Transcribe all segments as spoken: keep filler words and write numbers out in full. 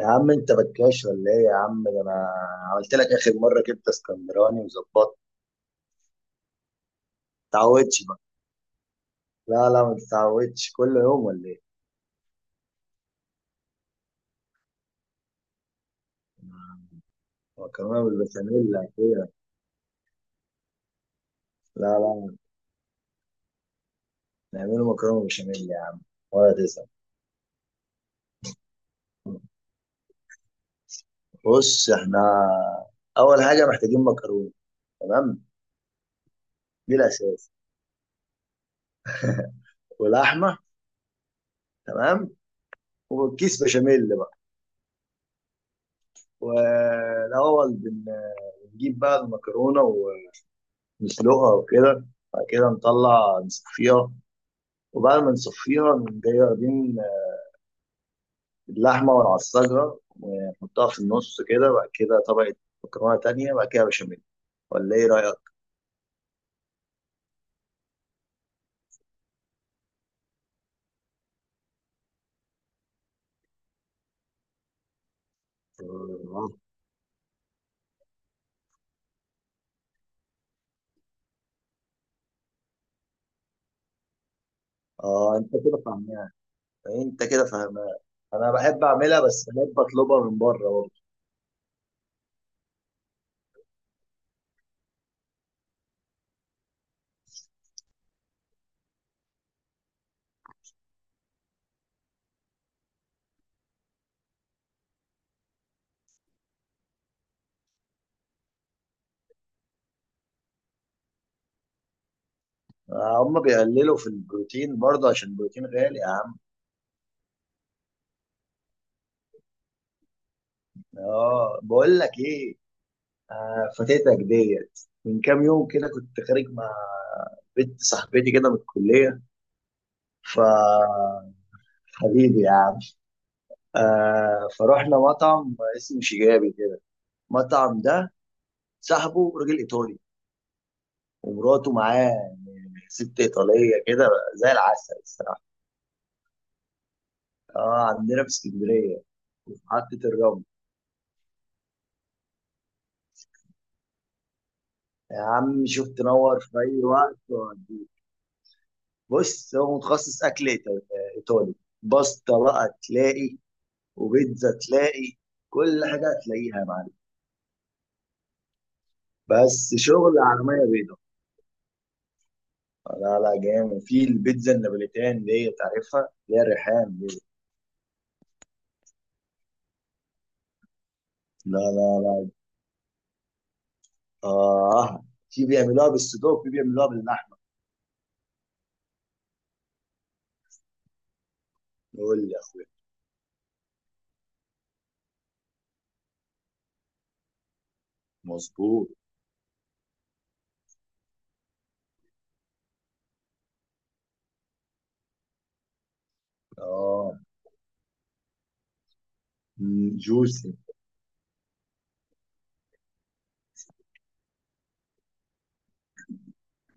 يا عم، انت بكاش ولا ايه؟ يا عم، ده انا عملت لك اخر مره كبده اسكندراني وظبطت. متعودش بقى. لا لا، ما تتعودش كل يوم ولا ايه؟ مكرونه بالبشاميل كده. لا لا، نعمله مكرونه بالبشاميل يا عم، ولا تزعل. بص، احنا اول حاجه محتاجين مكرونه. تمام. دي الاساس، ولحمه. تمام. وكيس بشاميل بقى. والاول بن- بنجيب بقى المكرونه ونسلقها وكده. بعد كده نطلع نصفيها، وبعد ما نصفيها نقوم جاي واخدين اللحمة ونعصجها ونحطها في النص كده، بعد كده طبقة مكرونة تانية، بعد كده بشاميل. ولا ايه رأيك؟ اه. آه، انت كده فاهمها. انت كده فاهمها. انا بحب اعملها، بس بحب اطلبها من بره برضه. آه، هم بيقللوا في البروتين برضه عشان البروتين غالي يا عم. اه، بقول لك ايه؟ آه، فاتتك ديت من كام يوم كده، كنت خارج مع بنت صاحبتي كده من الكلية. ف حبيبي يا عم. آه، فروحنا مطعم اسمه شيجابي كده. المطعم ده صاحبه راجل ايطالي، ومراته معاه ست ايطاليه كده، زي العسل الصراحه. اه، عندنا في اسكندريه. في محطه الرمل. يا عم، شوف تنور في اي وقت وهديك. بص، هو متخصص اكل إيط- ايطالي. باستا بقى تلاقي، وبيتزا تلاقي، كل حاجه هتلاقيها يا معلم. بس شغل على ميه بيضاء. لا لا، جامد في البيتزا النابوليتان دي، تعرفها؟ اللي هي الريحان. لا لا لا. آه، في بيعملوها بالصدوق وفي بيعملوها باللحم. قول لي يا أخويا. مظبوط. آه، مم، جوسي.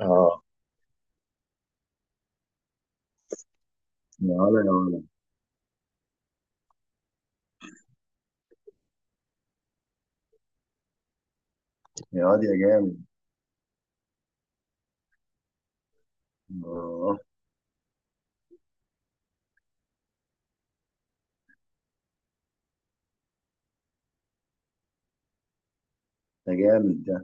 آه. يا ولا يا ولا. يا واد يا جامد. آه. ده جامد ده.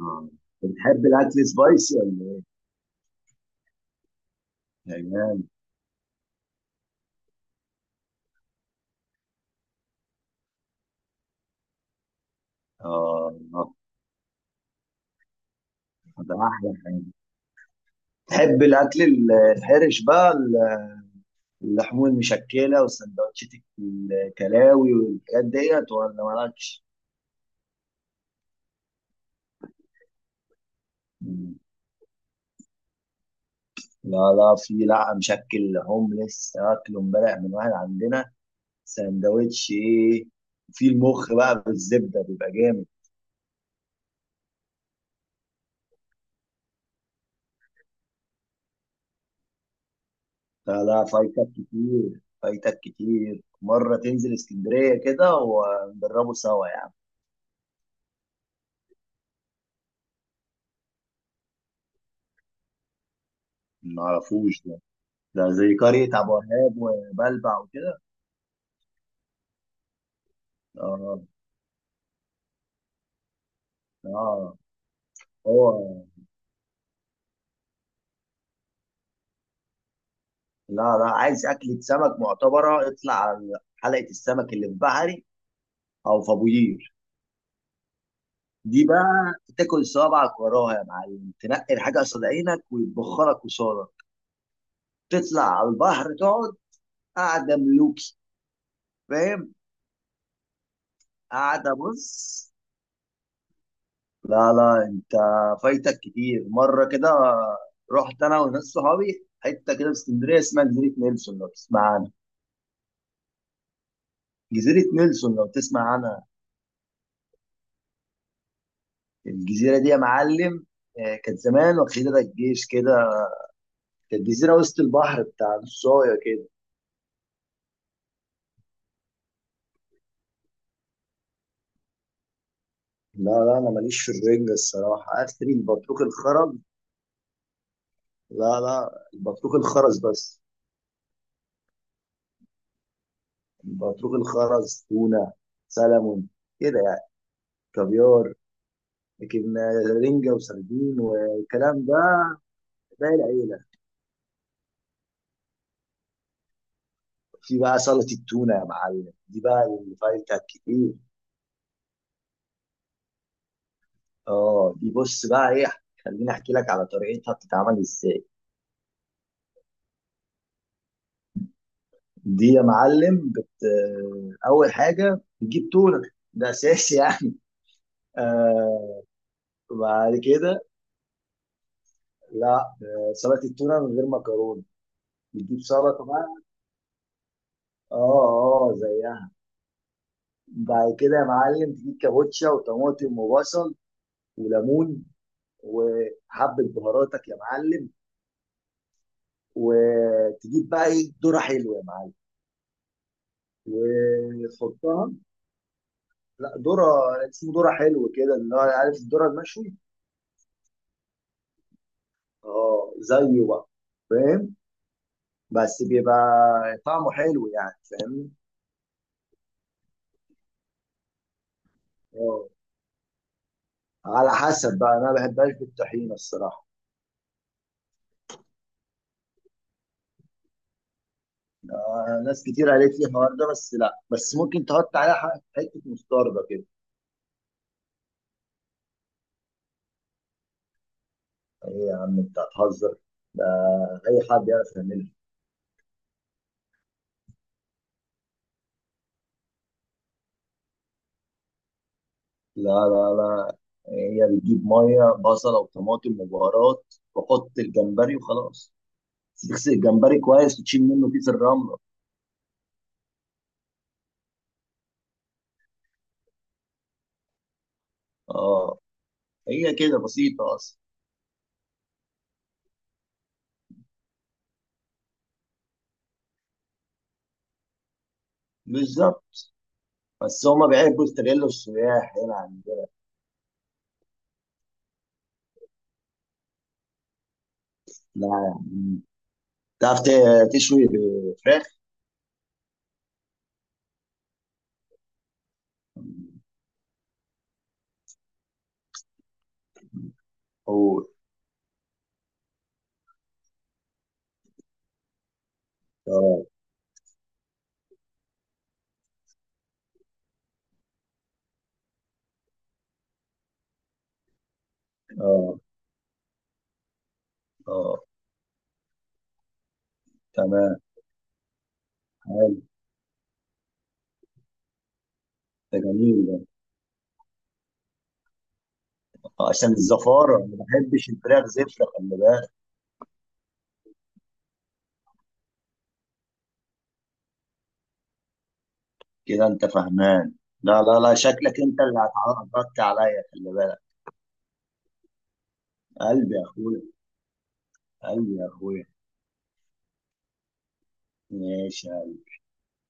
آه، بتحب الأكل سبايسي ولا؟ إيه؟ يا جامد. آه، آه، ده أحلى حاجة. تحب الأكل ال- الحرش بقى ال- اللحوم المشكلة والسندوتشات، الكلاوي والحاجات ديت، ولا مالكش؟ لا لا، في لا مشكل، هومليس اكله امبارح من واحد عندنا. سندوتش ايه؟ في المخ بقى بالزبده، بيبقى جامد. لا لا، فايتك كتير، فايتك كتير مره، تنزل اسكندريه كده ونجربه سوا يا عم. ما اعرفوش ده. ده زي قريه ابو وهاب وبلبع وكده. اه، اه، هو. لا لا، عايز اكله سمك معتبره، اطلع على حلقه السمك اللي في بحري، او في ابو قير. دي بقى، تاكل صوابعك وراها يا معلم، تنقي الحاجه قصاد عينك ويتبخرك قصادك. تطلع على البحر تقعد. قاعده ملوكي. فاهم؟ قاعده، بص. لا لا، انت فايتك كتير مره كده. رحت انا وناس صحابي حته كده في اسكندريه، اسمها جزيره نيلسون، لو تسمع عنها. جزيره نيلسون، لو تسمع عنها. الجزيره دي يا معلم، آه، كانت زمان واخدها الجيش كده، كانت جزيره وسط البحر بتاع نصايه كده. لا لا، انا ماليش في الرنجة الصراحة، اخري البطروخ الخرز. لا لا، البطروخ الخرز بس. البطروخ الخرز، تونة، سلمون، كده يعني، كافيار، لكن رنجة وسردين والكلام ده باقي العيلة. في بقى سلطة التونة يا معلم، دي بقى اللي فايتها كتير. اه، دي بص بقى ايه، خليني احكي لك على طريقتها بتتعمل ازاي. دي يا معلم بت... اول حاجة بتجيب تونة، ده اساسي يعني. آه، وبعد كده، لا، آه، سلطه التونه من غير مكرونه. بتجيب سلطه بقى، اه، اه زيها. بعد كده يا معلم تجيب كابوتشا وطماطم وبصل وليمون وحبه بهاراتك يا معلم، وتجيب بقى، ايه، ذره حلوه يا معلم وتحطها. لا، ذره. اسمه ذره حلو كده، اللي هو عارف الذره المشوي. اه زيه بقى، فاهم؟ بس بيبقى طعمه حلو يعني، فاهمني؟ اه، على حسب بقى، انا ما بحبهاش بالطحينه الصراحه. آه، ناس كتير قالت لي الحوار ده، بس لا، بس ممكن تحط عليها ح- حته مستردة كده. ايه يا عم، انت هتهزر؟ ده اي حد يعرف يعملها. لا لا لا. هي بتجيب ميه، بصله، وطماطم، وبهارات، وحط الجمبري وخلاص. تغسل الجمبري كويس وتشيل منه كيس الرمله. اه، هي كده بسيطه اصلا. بالظبط. بس هما بيحبوا يستغلوا السياح هنا عندنا. لا يعني. تعرف ت- تشوي فراخ؟ أوه. اه، اه، اه. تمام. حلو. ده جميل ده. آه، عشان الزفاره، ما بحبش الفراخ زفره، خلي بالك. كده انت فهمان. لا لا لا، شكلك انت اللي هتعرضت عليا، خلي بالك. قلبي يا اخويا. قلبي يا اخويا. ماشي.